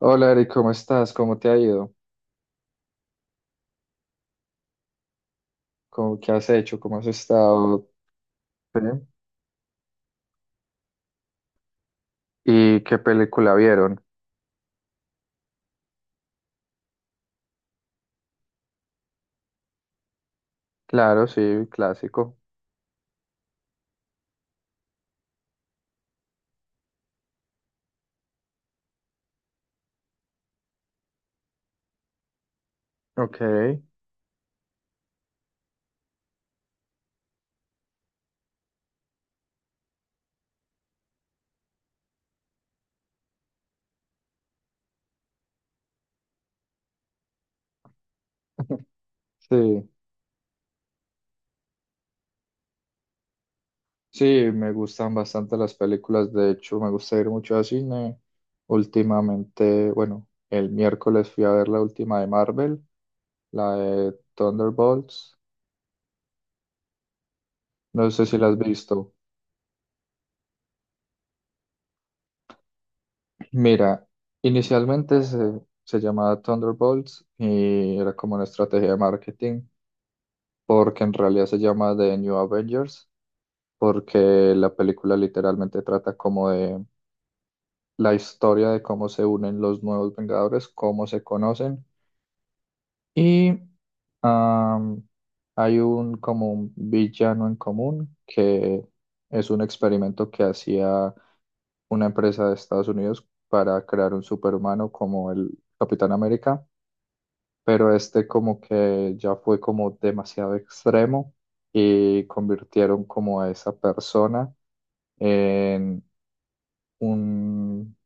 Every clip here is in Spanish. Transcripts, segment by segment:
Hola Eric, ¿cómo estás? ¿Cómo te ha ido? ¿Cómo, qué has hecho? ¿Cómo has estado? Sí. ¿Y qué película vieron? Claro, sí, clásico. Ok. Sí, sí, me gustan bastante las películas. De hecho, me gusta ir mucho al cine. Últimamente, bueno, el miércoles fui a ver la última de Marvel, la de Thunderbolts. No sé si la has visto. Mira, inicialmente se llamaba Thunderbolts y era como una estrategia de marketing porque en realidad se llama The New Avengers, porque la película literalmente trata como de la historia de cómo se unen los nuevos Vengadores, cómo se conocen y am, hay un como un villano en común que es un experimento que hacía una empresa de Estados Unidos para crear un superhumano como el Capitán América, pero este como que ya fue como demasiado extremo y convirtieron como a esa persona en un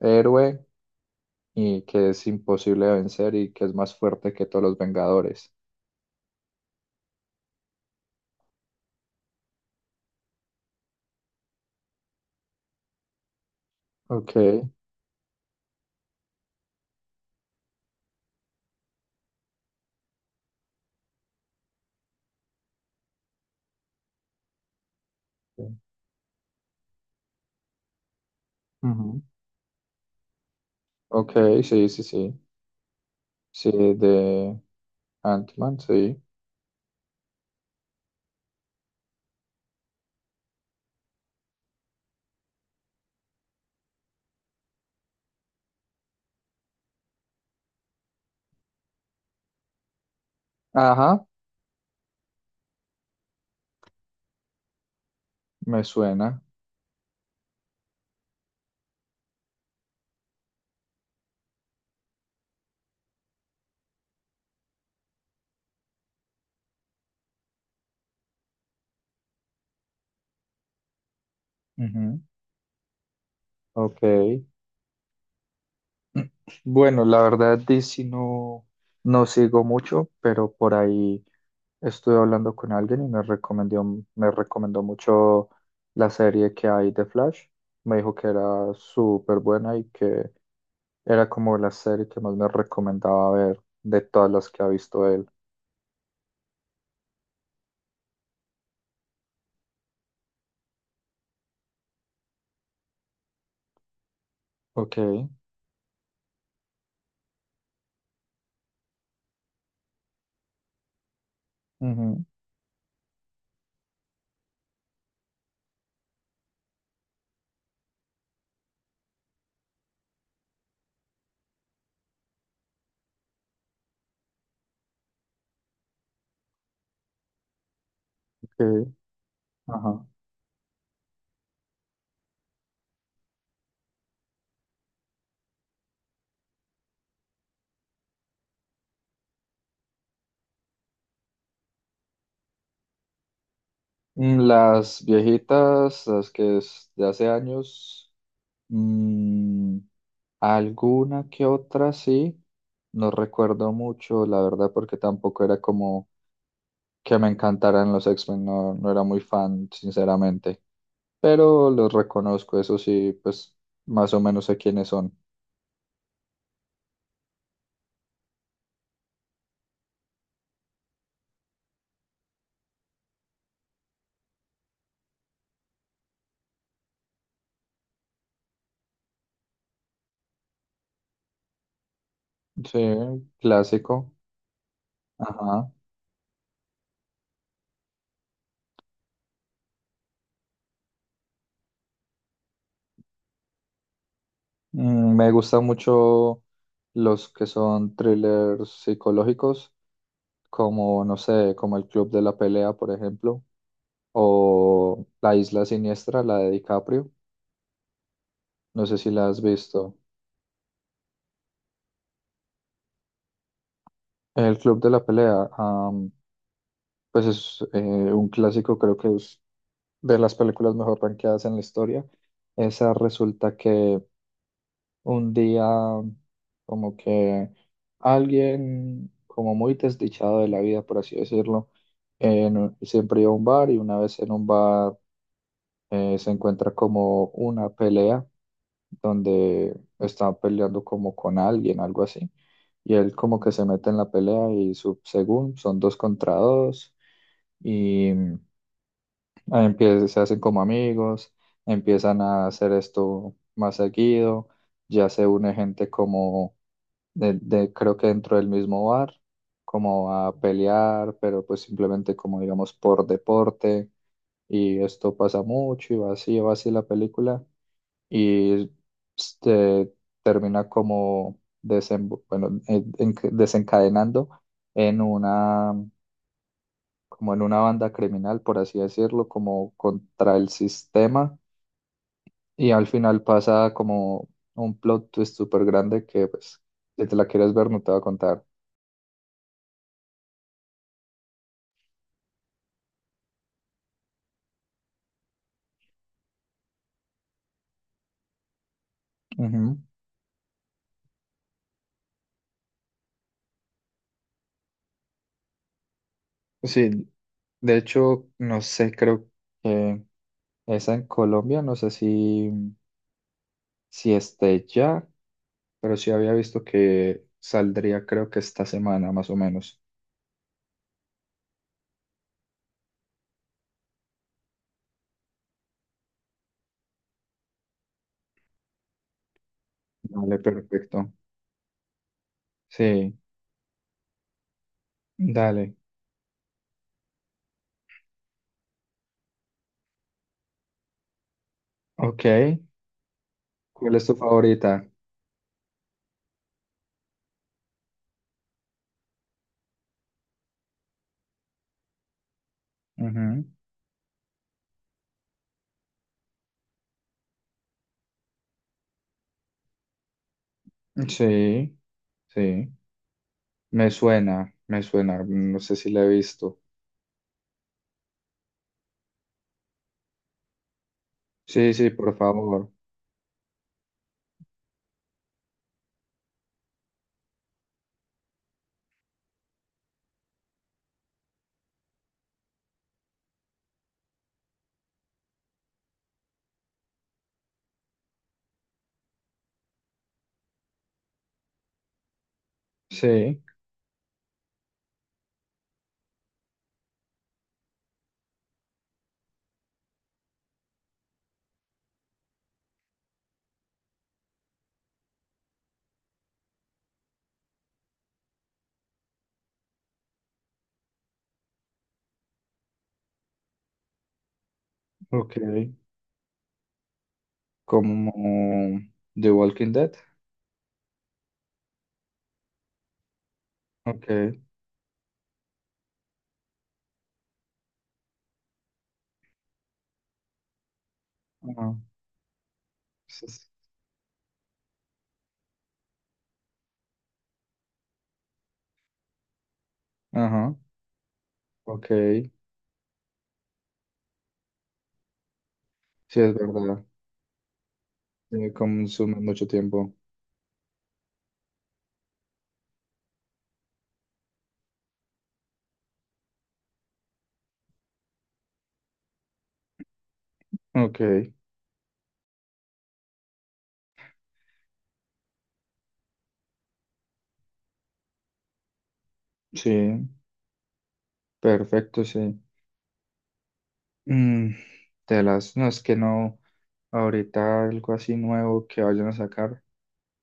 héroe y que es imposible de vencer y que es más fuerte que todos los Vengadores. Ok. Sí. Ujú. Ok, sí, sí, sí. Sí, de Ant-Man, sí. Ajá, me suena. Ujú. Ok. Bueno, la verdad, DC no, no sigo mucho, pero por ahí estuve hablando con alguien y me recomendó mucho la serie que hay de Flash. Me dijo que era súper buena y que era como la serie que más me recomendaba ver de todas las que ha visto él. Ok, ujú, ok, ajá. Las viejitas, las que es de hace años. mm, Alguna que otra sí, no recuerdo mucho, la verdad, porque tampoco era como que me encantaran los X-Men, no, no era muy fan, sinceramente, pero los reconozco, eso sí, pues más o menos sé quiénes son. Sí, clásico, ajá. Me gustan mucho los que son thrillers psicológicos, como, no sé, como El Club de la Pelea, por ejemplo, o La Isla Siniestra, la de DiCaprio, no sé si la has visto. El Club de la Pelea, pues es un clásico, creo que es de las películas mejor rankeadas en la historia. Esa resulta que un día como que alguien como muy desdichado de la vida, por así decirlo, siempre iba a un bar y una vez en un bar se encuentra como una pelea donde está peleando como con alguien, algo así. Y él como que se mete en la pelea y su, según son dos contra dos. Y empiezan, se hacen como amigos, empiezan a hacer esto más seguido, ya se une gente como creo que dentro del mismo bar, como a pelear, pero pues simplemente como digamos por deporte, y esto pasa mucho y va así la película, y este, termina como bueno, desencadenando en una como en una banda criminal, por así decirlo, como contra el sistema, y al final pasa como un plot twist súper grande que, pues, si te la quieres ver, no te va a contar. Ujú. Sí, de hecho, no sé, creo que esa en Colombia, no sé si, si esté ya, pero sí había visto que saldría, creo que esta semana, más o menos. Dale, perfecto. Sí, dale. Ok. ¿Cuál es tu favorita? Ujú. Sí, sí, me suena, no sé si la he visto. Sí, sí, por favor. Sí, ok. Como The Walking Dead. Ok. Ajá. Sí, sí. Ajá, ok. Sí, es verdad. Sí, consume mucho tiempo. Ok, sí, perfecto, sí. Mm, de las, no, es que no, ahorita algo así nuevo que vayan a sacar.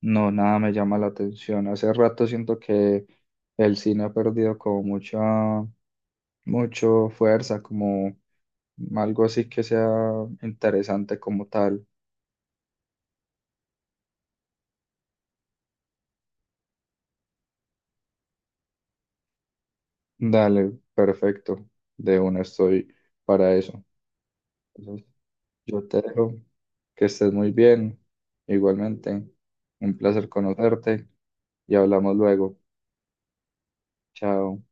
No, nada me llama la atención. Hace rato siento que el cine ha perdido como mucha, mucho fuerza, como algo así que sea interesante como tal. Dale, perfecto. De una estoy para eso. Entonces, yo te dejo que estés muy bien. Igualmente, un placer conocerte y hablamos luego. Chao.